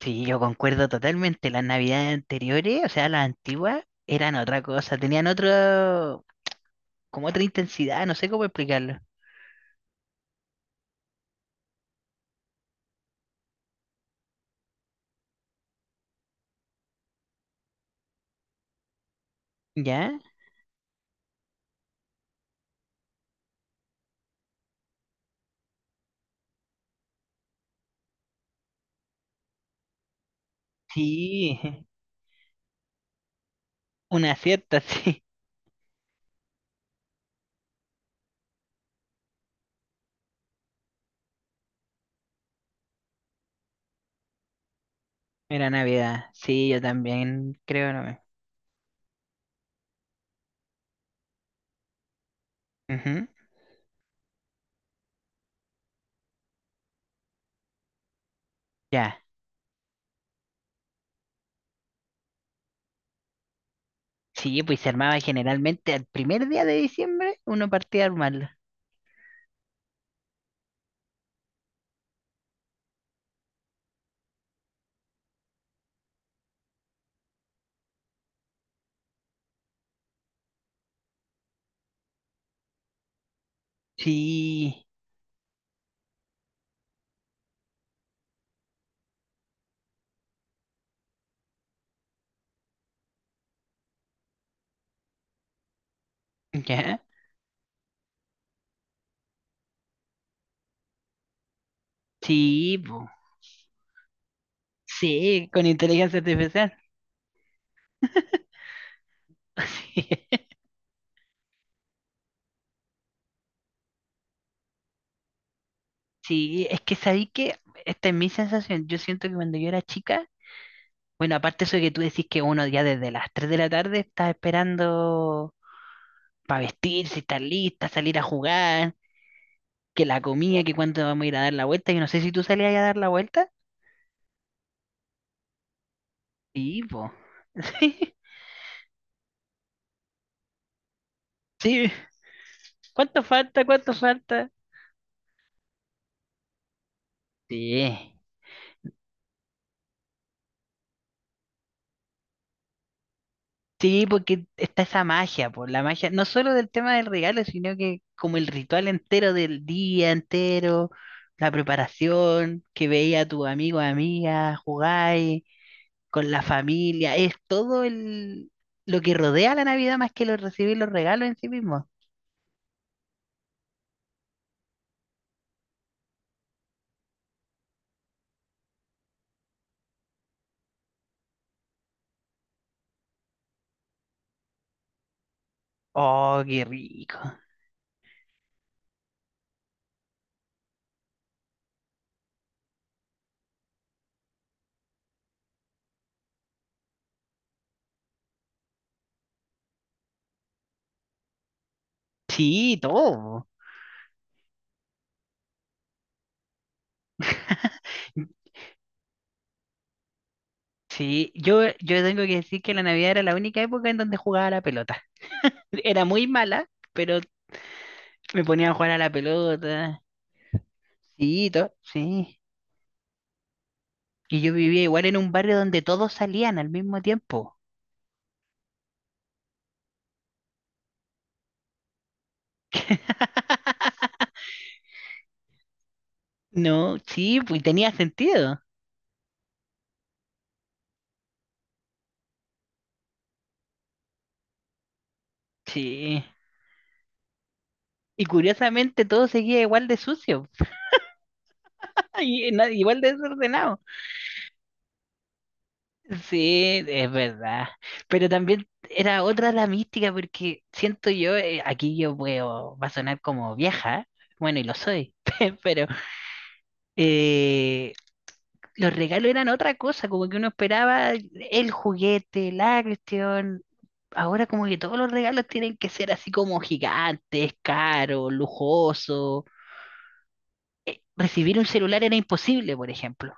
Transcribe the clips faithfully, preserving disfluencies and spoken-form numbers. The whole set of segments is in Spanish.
Sí, yo concuerdo totalmente. Las navidades anteriores, o sea, las antiguas, eran otra cosa, tenían otro, como otra intensidad, no sé cómo explicarlo. ¿Ya? Sí, una cierta, sí. Era Navidad. Sí, yo también creo, no me. Ujú. Ya. Sí, pues se armaba generalmente al primer día de diciembre, uno partía a armarlo. Sí, ya. Sí, po. Sí, con inteligencia artificial. Sí. Sí, es que sabí que esta es mi sensación. Yo siento que cuando yo era chica, bueno, aparte eso de que tú decís que uno ya desde las tres de la tarde está esperando para vestirse, estar lista, salir a jugar, que la comida, que cuándo vamos a ir a dar la vuelta. Yo no sé si tú salías a dar la vuelta. Sí, po. Sí, sí. ¿Cuánto falta? ¿Cuánto falta? Sí. Sí, porque está esa magia, por la magia, no solo del tema del regalo, sino que como el ritual entero del día entero, la preparación, que veía a tu amigo, amiga, jugáis con la familia, es todo el lo que rodea la Navidad más que lo, recibir los regalos en sí mismo. Oh, qué rico. Sí, todo. Sí, yo, yo tengo que decir que la Navidad era la única época en donde jugaba a la pelota. Era muy mala, pero me ponía a jugar a la pelota. Sí, to- sí. Y yo vivía igual en un barrio donde todos salían al mismo tiempo. No, sí, pues tenía sentido. Sí. Y curiosamente todo seguía igual de sucio. y na- igual de desordenado. Sí, es verdad. Pero también era otra la mística porque siento yo, eh, aquí yo puedo, va a sonar como vieja. Bueno, y lo soy. Pero eh, los regalos eran otra cosa, como que uno esperaba el juguete, la cuestión. Ahora como que todos los regalos tienen que ser así como gigantes, caros, lujosos. Recibir un celular era imposible, por ejemplo.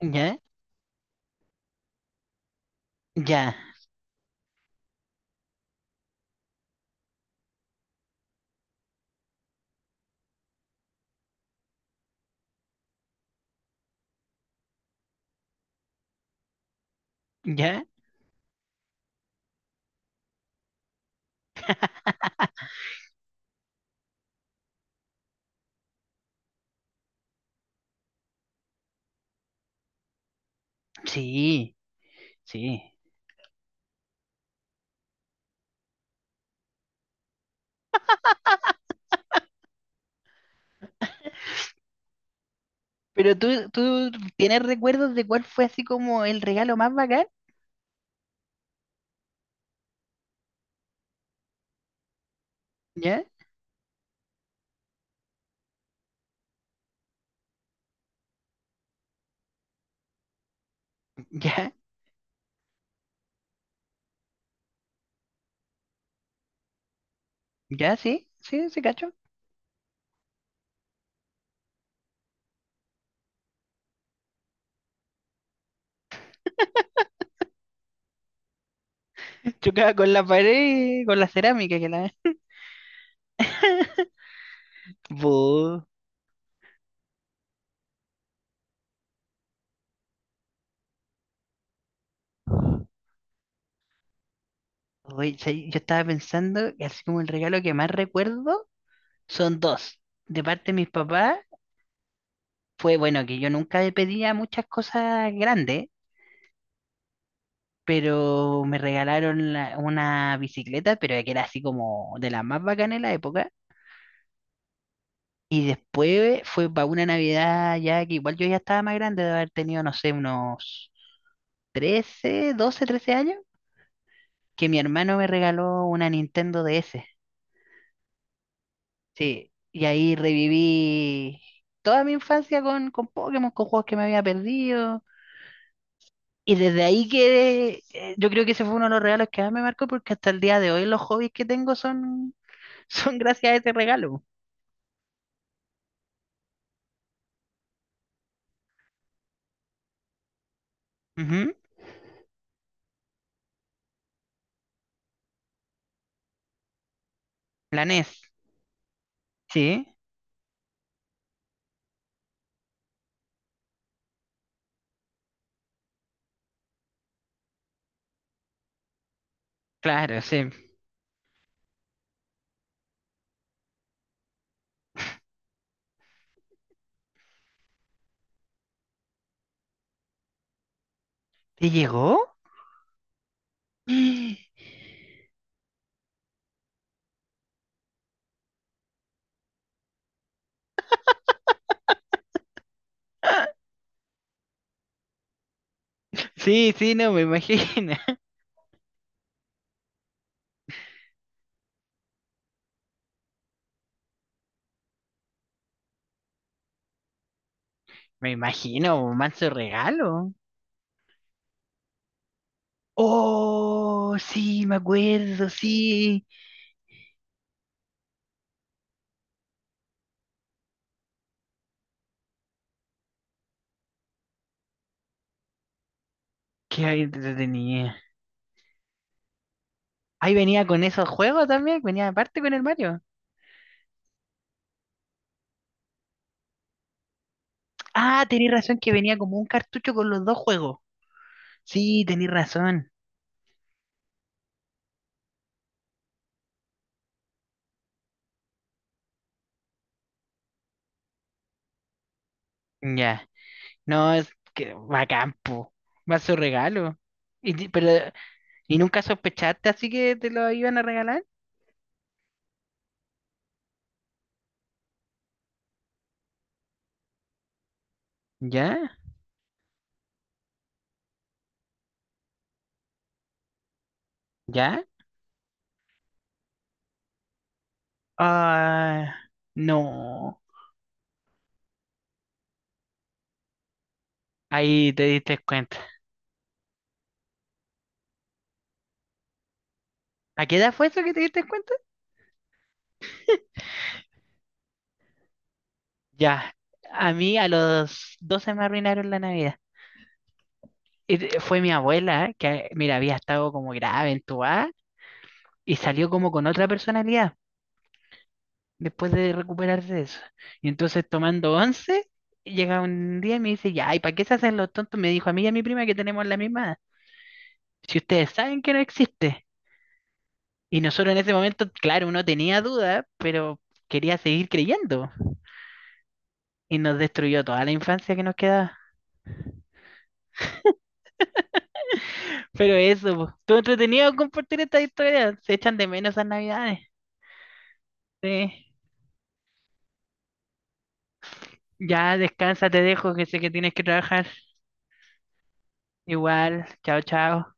¿Ya? ¿Ya? ¿Ya? Sí, sí. Pero tú, tú tienes recuerdos de cuál fue así como el regalo más bacán, ¿ya? ¿Ya? ¿Ya? ¿Sí? ¿Sí? ¿Sí, cacho? Chocaba con la pared, y con la cerámica que la... Bu. Oye, ¿sabes? Yo estaba pensando que así como el regalo que más recuerdo son dos. De parte de mis papás fue bueno que yo nunca le pedía muchas cosas grandes, pero me regalaron la- una bicicleta, pero que era así como de las más bacanas en la época. Y después fue para una Navidad ya que igual yo ya estaba más grande de haber tenido, no sé, unos trece doce trece años, que mi hermano me regaló una Nintendo D S. Sí, y ahí reviví toda mi infancia con, con Pokémon, con juegos que me había perdido. Y desde ahí que eh, yo creo que ese fue uno de los regalos que más me marcó porque hasta el día de hoy los hobbies que tengo son, son gracias a ese regalo. Ujú. La N E S. Sí, claro, sí. ¿Te llegó? Sí, sí, no, me imagino. Me imagino, un manso regalo. Oh, sí, me acuerdo, sí. Qué tenía. Ahí venía con esos juegos también, venía aparte con el Mario. Ah, tenés razón que venía como un cartucho con los dos juegos. Sí, tenés razón. Ya. No, es que va a campo. Va a su regalo. Y, ti- pero, ¿y nunca sospechaste así que te lo iban a regalar? ¿Ya? ¿Ya? Ah, no. Ahí te diste cuenta. ¿A qué edad fue eso que te diste cuenta? Ya. A mí a los doce me arruinaron la Navidad. Y te- Fue mi abuela, que mira, había estado como grave, entubada, y salió como con otra personalidad después de recuperarse de eso. Y entonces tomando once, llega un día y me dice, ya, ¿y para qué se hacen los tontos? Me dijo a mí y a mi prima que tenemos la misma edad. Si ustedes saben que no existe. Y nosotros en ese momento, claro, uno tenía dudas, pero quería seguir creyendo. Y nos destruyó toda la infancia que nos quedaba. Pero eso, po, estuvo entretenido compartir esta historia. Se echan de menos esas navidades. Sí. Ya, descansa, te dejo, que sé que tienes que trabajar. Igual, chao, chao.